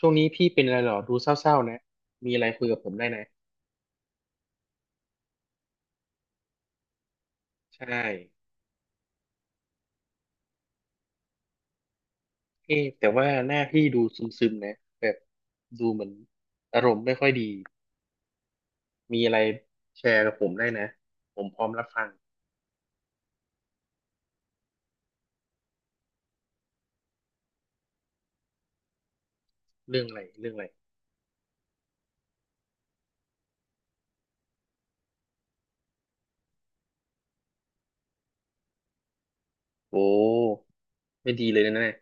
ช่วงนี้พี่เป็นอะไรเหรอดูเศร้าๆนะมีอะไรคุยกับผมได้นะใช่เอ๊ะแต่ว่าหน้าพี่ดูซึมๆนะแบบดูเหมือนอารมณ์ไม่ค่อยดีมีอะไรแชร์กับผมได้นะผมพร้อมรับฟังเรื่องอะไรเรื่องอะไรโอ้ไม่ดีเลยนะเนี่ย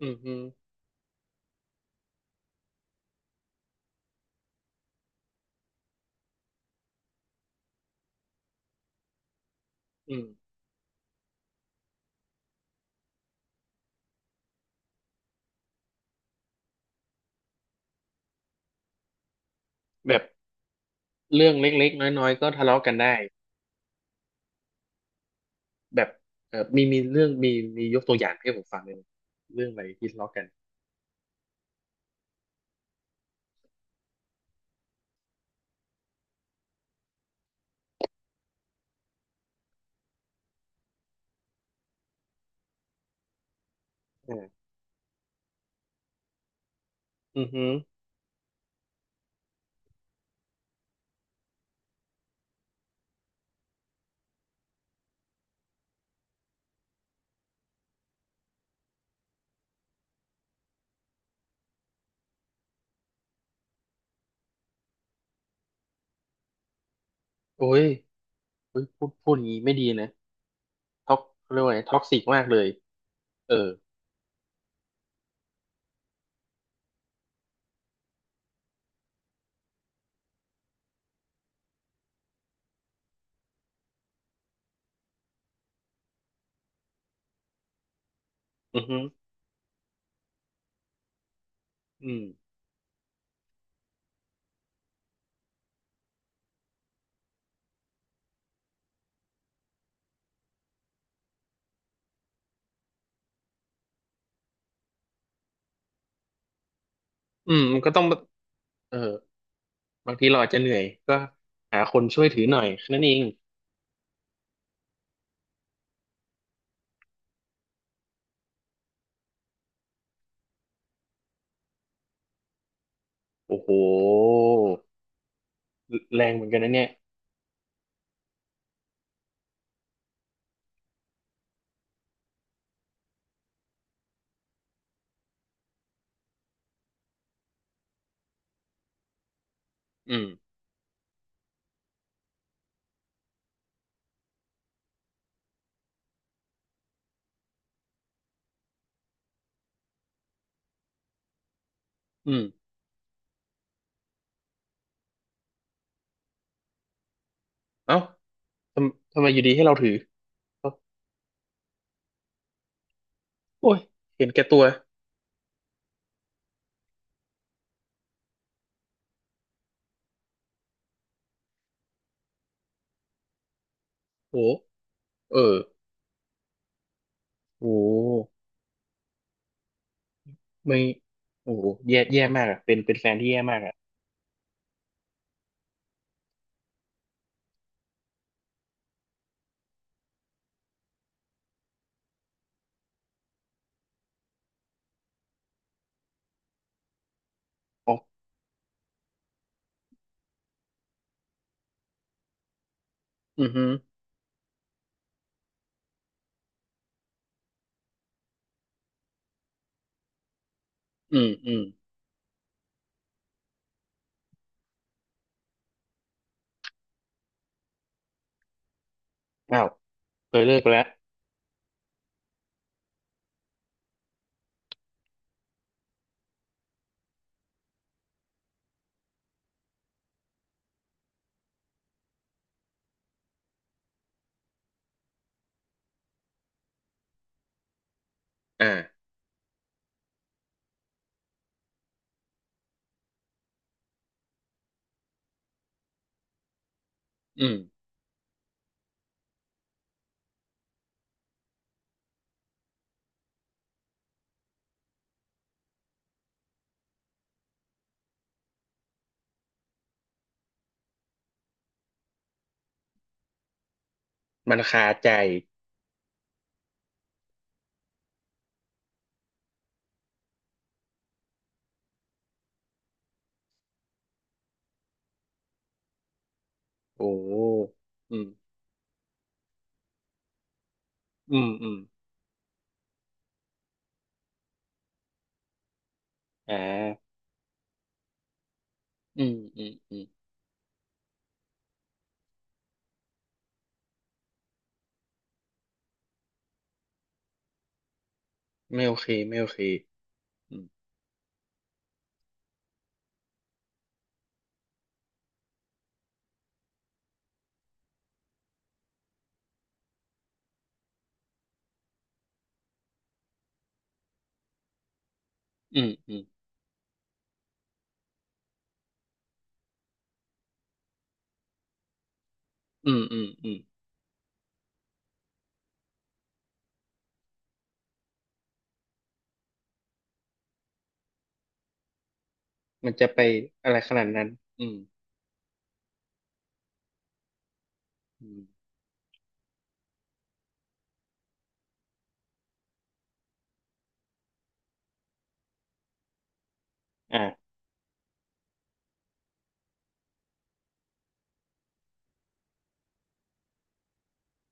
อืมอืมอืมแบบเรื่องเล็กๆน้อยๆก็ทะเลาะกันได้แบบเออมีเรื่องมียกตัวอย่างให้ผมฟังเลยไหมเรื่องอะไรที่ทะเลาะกันอ่าอือฮึโอ้ยเฮ้ยพูดอย่างนี้ไม่ดีนะ ท็อกเรียกว่าไงท็อกซิกมากเลยเอออือฮึอืมอืมมันก็ต้องเออบางทีเราอาจจะเหนื่อยก็หาคนช่วยถือหน่อยแค่นั้นเองโอ้โหแรงเหมือนกันนะเนี่ยอืมอืมเอ้าทำไมอยู่ดีให้เราถือเอ้าโอ้ยเห็นแก่ตัวโอ้โหเออโอ้ไม่โอ้แย่แย่มากอ่ะเป็นแฟนที่แย่มากอ่ะอ๋ออือฮึอืมอืมอ้าวเคยเลิกไปแล้วอ่าอืมมันคาใจโอ้อืม อืมอืมอ่าอืมอืมอืมไม่โอเคไม่โอเคอืมอืมอืมอืมอืมอืมมันจะไปอะไรขนาดนั้นอืมอืมอ่า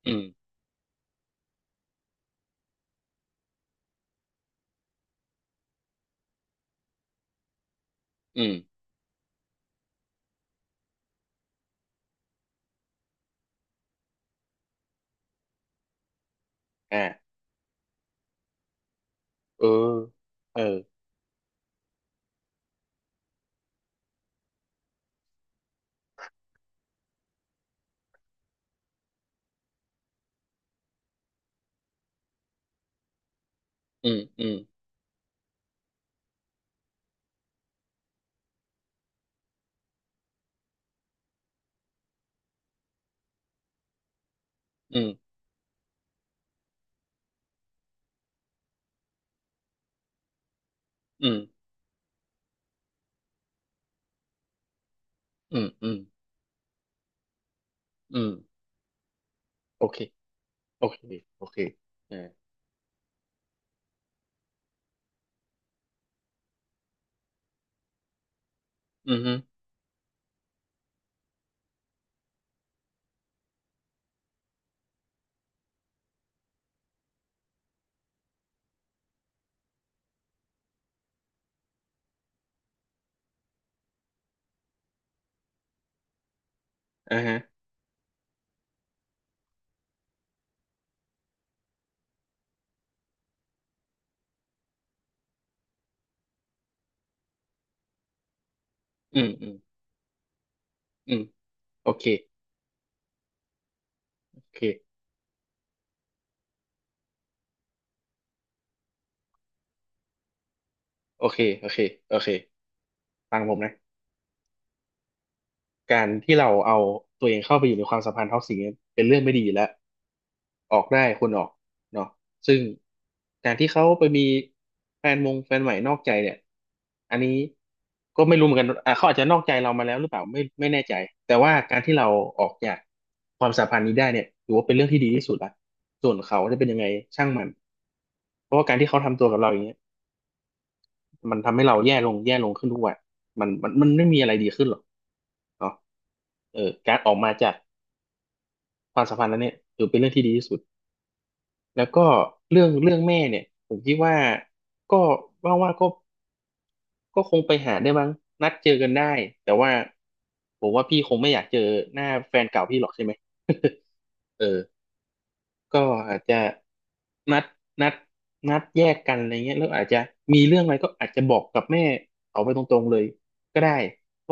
อืมอืมอ่าเออเอออืมอืมอืมอืมอืมอืมอืมโอเคโอเคโอเคอ่าอืมฮึอ่าฮะอืมอืมอืมโอเคโอเคโอเคโอเคโอเคฟังผมนะ การที่เราเอาตัวเองเข้าไปอยู่ในความสัมพันธ์ท็อกซิกเนี่ยเป็นเรื่องไม่ดีอยู่แล้วออกได้ควรออกเนาะซึ่งการที่เขาไปมีแฟนใหม่นอกใจเนี่ยอันนี้ก็ไม่รู้เหมือนกันอ่ะเขาอาจจะนอกใจเรามาแล้วหรือเปล่าไม่แน่ใจแต่ว่าการที่เราออกจากความสัมพันธ์นี้ได้เนี่ยถือว่าเป็นเรื่องที่ดีที่สุดละส่วนเขาจะเป็นยังไงช่างมันเพราะว่าการที่เขาทำตัวกับเราอย่างเงี้ย มันทำให้เราแย่ลงแย่ลงขึ้นทุกวันมันไม่มีอะไรดีขึ้นหรอกเนาะเออการออกมาจากความสัมพันธ์นั้นเนี่ย ถือเป็นเรื่องที่ดีที่สุด แล้วก็เรื่องเรื่องแม่เนี่ย ผมคิดว่าก็ว่าก็คงไปหาได้บ้างนัดเจอกันได้ แต่ว่าผมว่าพี่คงไม่อยากเจอหน้าแฟนเก่าพี่หรอกใช่ไหม เออ ก็อาจจะนัดนัดนัดแยกกันอะไรเงี้ยแล้วอาจจะมีเรื่องอะไรก็อาจจะบอกกับแม่เขาไปตรงๆเลยก็ได้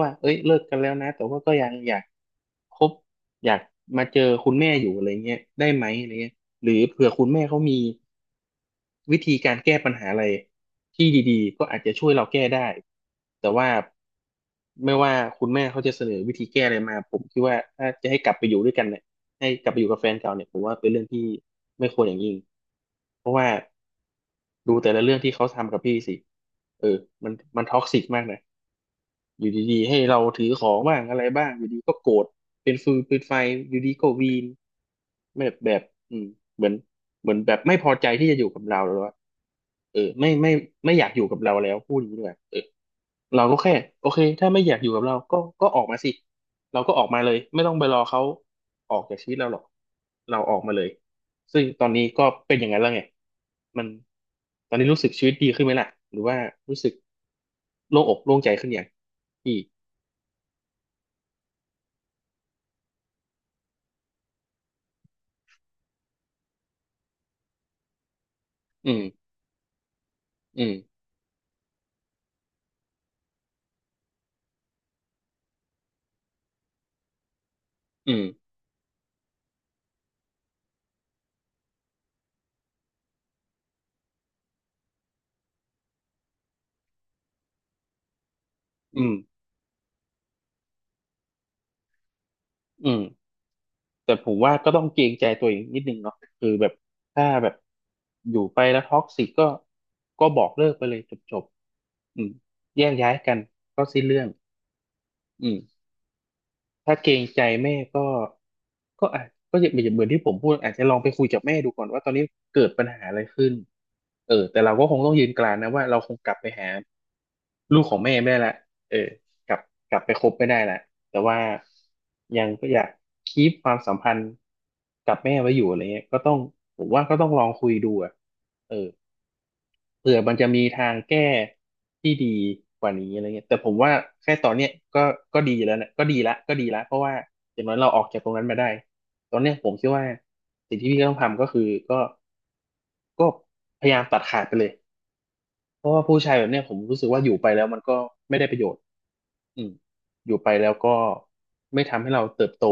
ว่าเอ้ยเลิกกันแล้วนะแต่ว่าก็ยังอยากคบอยากมาเจอคุณแม่อยู่อะไรเงี้ยได้ไหมอะไรเงี้ยหรือเผื่อคุณแม่เขามีวิธีการแก้ปัญหาอะไรที่ดีๆก็อาจจะช่วยเราแก้ได้แต่ว่าไม่ว่าคุณแม่เขาจะเสนอวิธีแก้อะไรมาผมคิดว่าถ้าจะให้กลับไปอยู่ด้วยกันเนี่ย ให้กลับไปอยู่กับแฟนเก่าเนี่ยผมว่าเป็นเรื่องที่ไม่ควรอย่างยิ่งเพราะว่าดูแต่ละเรื่องที่เขาทำกับพี่สิเออ มันมันท็อกซิกมากนะ อยู่ดีๆให้เราถือของบ้างอะไรบ้างอยู่ดีก็โกรธเป็นฟืนเป็นไฟอยู่ดีก็วีนแบบอืมเหมือนเหมือนแบบไม่พอใจที่จะอยู่กับเราแล้วอะเออไม่อยากอยู่กับเราแล้วพูดอย่างนี้ด้วยเออเราก็แค่โอเคถ้าไม่อยากอยู่กับเราก็ออกมาสิเราก็ออกมาเลยไม่ต้องไปรอเขาออกจากชีวิตเราหรอกเราออกมาเลยซึ่งตอนนี้ก็เป็นอย่างนั้นแล้วไงมันตอนนี้รู้สึกชีวิตดีขึ้นไหมล่ะหรือว่ารู้สึกโล่งอกโล่งใจขึ้นอยัง อีกอืมอืม อืม อืม อืม แต่ผมว่าก็ต้องเกรงใจตัวเองนิดนึงเนาะคือแบบถ้าแบบอยู่ไปแล้วท็อกซิกก็บอกเลิกไปเลยจบจบอืมแยกย้ายกันก็สิ้นเรื่องอืม ถ้าเกรงใจแม่ก็ก็อาจก็อย่างเหมือนที่ผมพูดอาจจะลองไปคุยกับแม่ดูก่อนว่าตอนนี้เกิดปัญหาอะไรขึ้นเออแต่เราก็คงต้องยืนกรานนะว่าเราคงกลับไปหาลูกของแม่ไม่ได้ละเออกลับกลับไปคบไม่ได้ละแต่ว่ายังก็อยากคีปความสัมพันธ์กับแม่ไว้อยู่อะไรเงี้ยก็ต้องผมว่าก็ต้องลองคุยดูอะเออ เผื่อมันจะมีทางแก้ที่ดีกว่านี้อะไรเงี้ยแต่ผมว่าแค่ตอนเนี้ยก็ก็ดีแล้วนะก็ดีละก็ดีละเพราะว่าอย่างน้อยเราออกจากตรงนั้นมาได้ตอนเนี้ยผมคิดว่าสิ่งที่พี่ต้องทำก็คือก็ก็พยายามตัดขาดไปเลยเพราะว่าผู้ชายแบบเนี้ยผมรู้สึกว่าอยู่ไปแล้วมันก็ไม่ได้ประโยชน์อืมอยู่ไปแล้วก็ไม่ทำให้เราเติบโต